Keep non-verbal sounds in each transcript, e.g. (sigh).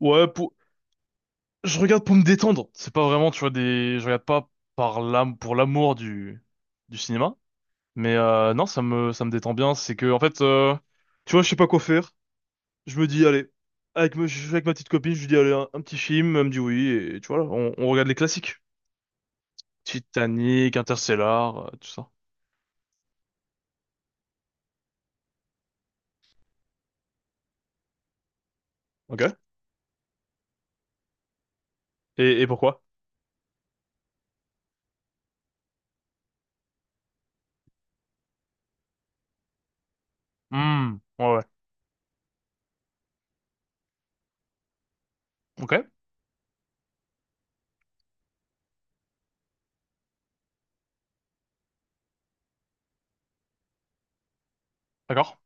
Ouais, je regarde pour me détendre. C'est pas vraiment, tu vois, je regarde pas par l'âme, pour l'amour du cinéma. Mais non, ça me détend bien. C'est que, en fait, tu vois, je sais pas quoi faire. Je me dis, allez, je suis avec ma petite copine, je lui dis, allez, un petit film. Elle me dit oui. Et tu vois, là, on regarde les classiques. Titanic, Interstellar, tout ça. Ok. Et pourquoi? Hmm, ouais, ouais. Ok, d'accord.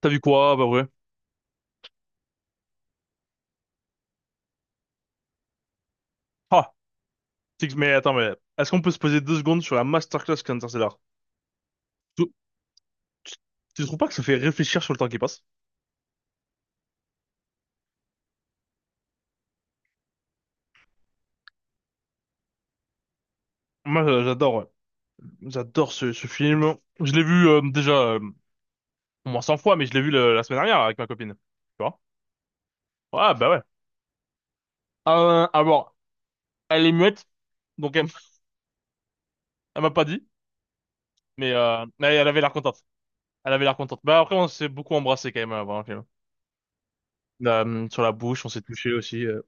T'as vu quoi? Bah ouais. Ah, mais attends, mais est-ce qu'on peut se poser deux secondes sur la masterclass qu'est Interstellar? Tu tu trouves pas que ça fait réfléchir sur le temps qui passe? Moi, j'adore, ouais. J'adore ce film. Je l'ai vu déjà au moins 100 fois, mais je l'ai vu la semaine dernière avec ma copine. Tu vois? Ouais, bah ouais. Alors, elle est muette, donc elle, (laughs) elle m'a pas dit, mais elle avait l'air contente. Elle avait l'air contente. Bah après, on s'est beaucoup embrassé quand même avant le film. Sur la bouche, on s'est touché aussi.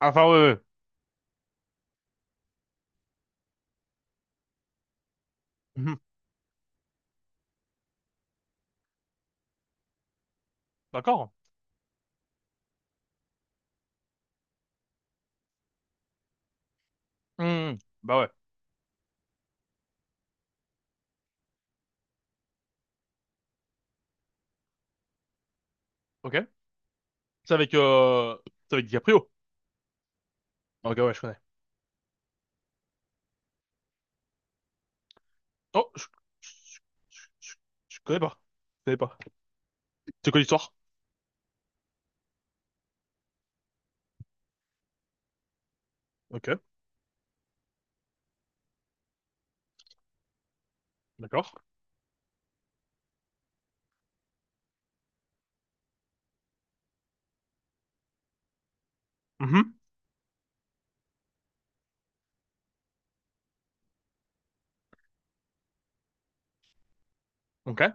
Ah, enfin, ouais, ouais. Mhm. (laughs) D'accord. Mhm. Bah ouais. Ok. C'est avec, euh, c'est avec DiCaprio. Ok, ouais, je connais. Oh, je, je, je- je connais pas. Je connais pas. C'est quoi l'histoire? Ok, d'accord. Mhm, ok.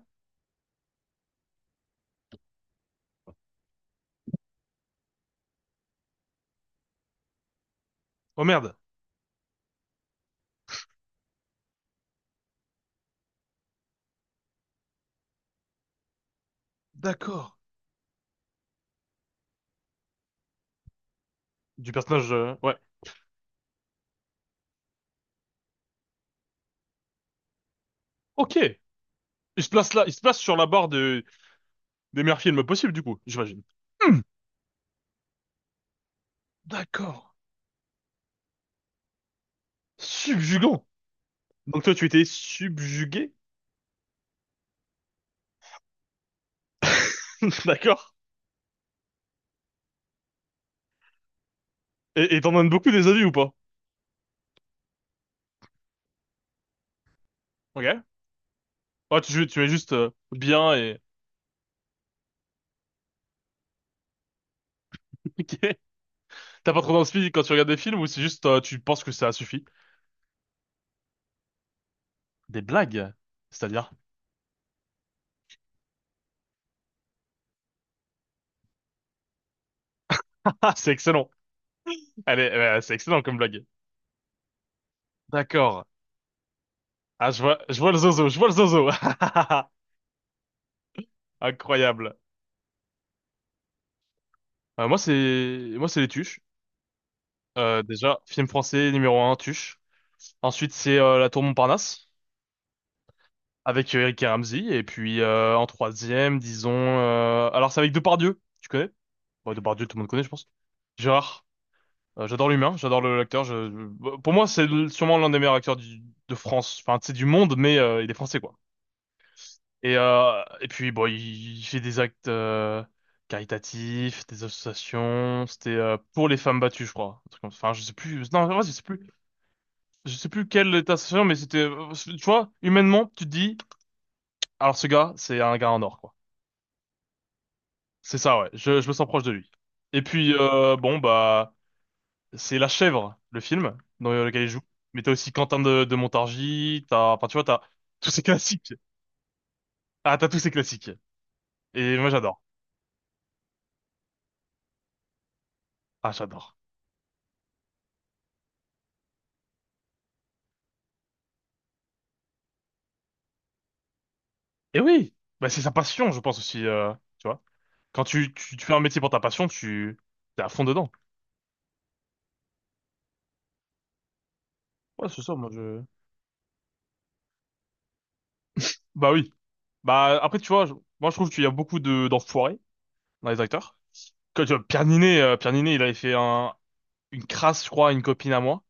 Oh merde. D'accord. Du personnage, ouais. Ok. Il se place là, il se place sur la barre des meilleurs films possibles, du coup, j'imagine. Hmm, d'accord. Subjugant. Donc toi, tu étais subjugué? (laughs) D'accord. Et t'en donnes beaucoup des avis ou pas? Ok. Ouais, tu es juste bien et... (laughs) Ok. T'as pas trop d'inspi quand tu regardes des films ou c'est juste tu penses que ça suffit? Des blagues, c'est-à-dire? Ah, c'est excellent. Allez, c'est excellent comme blague. D'accord. Ah, je vois le zozo, je vois le zozo. (laughs) Incroyable. Moi, c'est les Tuches. Déjà, film français numéro un, Tuches. Ensuite, c'est La Tour Montparnasse avec Eric et Ramzy. Et puis, en troisième, disons, alors c'est avec Depardieu. Tu connais? Bon, Depardieu, tout le monde connaît, je pense. Gérard. J'adore l'humain, j'adore l'acteur. Pour moi, c'est sûrement l'un des meilleurs acteurs de France. Enfin, c'est du monde, mais il est français, quoi. Et puis, bon, il fait des actes caritatifs, des associations. C'était pour les femmes battues, je crois. Un truc comme ça. Enfin, je sais plus. Non, en vrai, je sais plus. Je sais plus quelle était association, mais c'était. Tu vois, humainement, tu te dis, alors ce gars, c'est un gars en or, quoi. C'est ça, ouais. Je me sens proche de lui. Et puis, bon, bah, c'est La Chèvre, le film, dans lequel il joue. Mais t'as aussi Quentin de Montargis. T'as, enfin, tu vois, t'as tous ces classiques. Ah, t'as tous ces classiques. Et moi, j'adore. Ah, j'adore. Et oui, bah, c'est sa passion, je pense aussi, tu vois. Quand tu fais un métier pour ta passion, tu t'es à fond dedans. Ouais, c'est ça, moi je... Bah oui. Bah après, tu vois, moi je trouve qu'il y a beaucoup de d'enfoirés dans les acteurs. Que, tu vois, Pierre Ninet, il avait fait une crasse, je crois, à une copine à moi.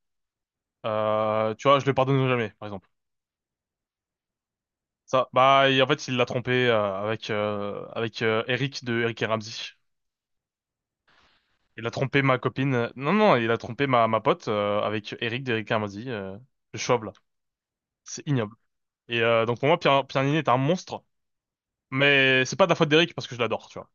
Tu vois, je le pardonne jamais, par exemple. Ça, bah et en fait, il l'a trompé avec Eric de Eric et Ramzy. Il a trompé ma copine. Non, non, il a trompé ma pote avec Eric d'Eric et Ramzy, le Schwab, là. C'est ignoble. Et donc pour moi, Pierre Niney est un monstre. Mais c'est pas de la faute d'Eric parce que je l'adore, tu vois.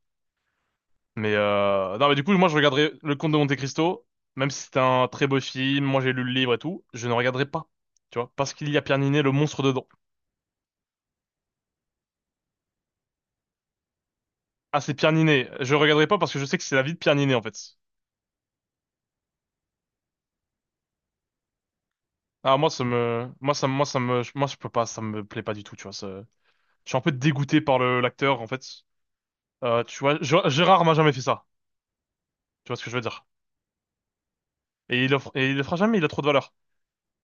Mais non, mais du coup, moi je regarderai Le Comte de Monte-Cristo, même si c'était un très beau film, moi j'ai lu le livre et tout, je ne regarderai pas, tu vois, parce qu'il y a Pierre Niney, le monstre dedans. Ah, c'est Pierre Niney. Je regarderai pas parce que je sais que c'est la vie de Pierre Niney en fait. Ah moi ça me, moi ça me, moi je peux pas, ça me plaît pas du tout, tu vois. Je suis un peu dégoûté par le l'acteur en fait. Tu vois, Gérard m'a jamais fait ça, tu vois ce que je veux dire. Et il le fera jamais, il a trop de valeur.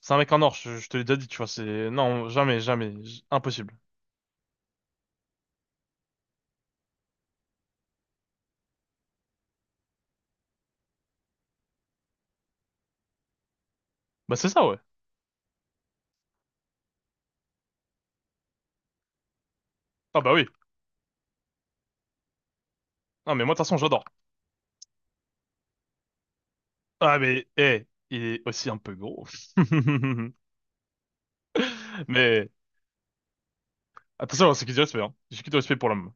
C'est un mec en or, je te l'ai déjà dit, tu vois, Non, jamais, jamais, impossible. Bah c'est ça, ouais. Ah bah oui. Non, mais moi, de toute façon, j'adore. Ah mais, eh, il est aussi un peu gros. (laughs) Mais, attention, hein, c'est qui du respect, hein. J'ai qui du respect pour l'homme.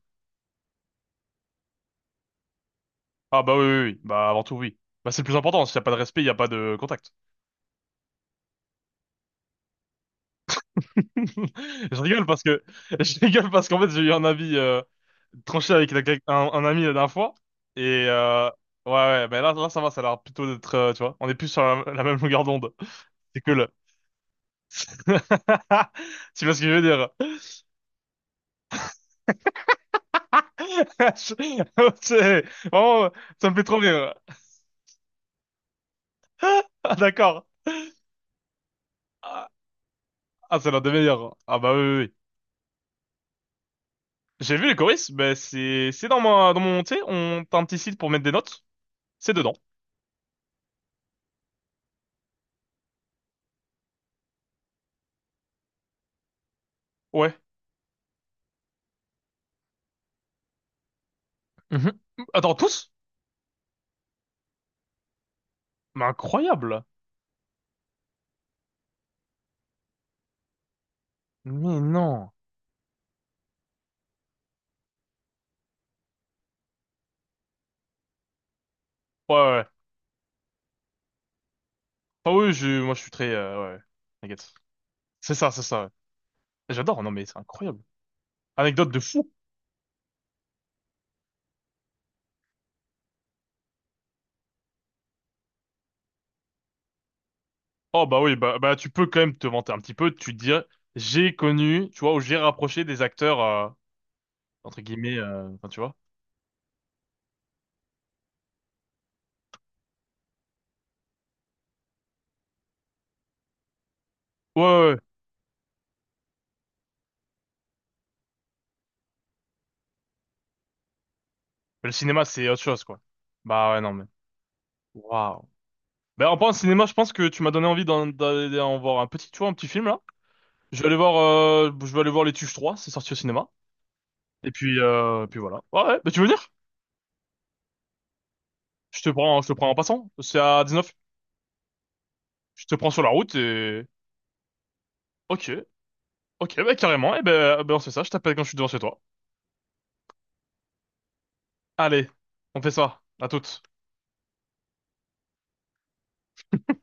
Ah bah oui, oui, oui. Bah avant tout, oui. Bah c'est le plus important, s'il n'y a pas de respect, il n'y a pas de contact. (laughs) Je rigole parce que, (laughs) je rigole parce qu'en fait, j'ai eu un avis tranché avec un ami la dernière fois. Et, ouais, ouais, bah là, là, ça va, ça a l'air plutôt d'être, tu vois, on est plus sur la même longueur d'onde. C'est cool. (laughs) Tu vois ce que je veux dire? (laughs) Je- C'est- Vraiment, ça me fait trop rire. Ah, d'accord. Ah, ah, c'est l'un des meilleurs. Ah bah oui, oui, oui. J'ai vu Les Choristes, mais c'est dans mon tu sais, on t'as un petit site pour mettre des notes. C'est dedans. Ouais. Mhm. Attends, tous? Mais incroyable. Mais non. Ouais, ouais. Ah oui, je moi je suis très ouais. T'inquiète. C'est ça, c'est ça. Ouais. J'adore. Non mais c'est incroyable. Anecdote de fou. Oh bah oui, bah tu peux quand même te vanter un petit peu, tu te dis j'ai connu, tu vois, ou j'ai rapproché des acteurs entre guillemets, enfin tu vois. Ouais, ouais, ouais. Le cinéma c'est autre chose quoi. Bah ouais non mais waouh. Bah en parlant de cinéma, je pense que tu m'as donné envie d'aller en voir un petit, tu vois, un petit film là. Je vais aller voir Les Tuches 3, c'est sorti au cinéma. Et puis voilà. Ouais, ouais. Bah tu veux venir? Je te prends en passant. C'est à 19. Je te prends sur la route et ok, ok, bah carrément. Et ben ben on fait ça. Je t'appelle quand je suis devant chez toi. Allez, on fait ça. À toutes.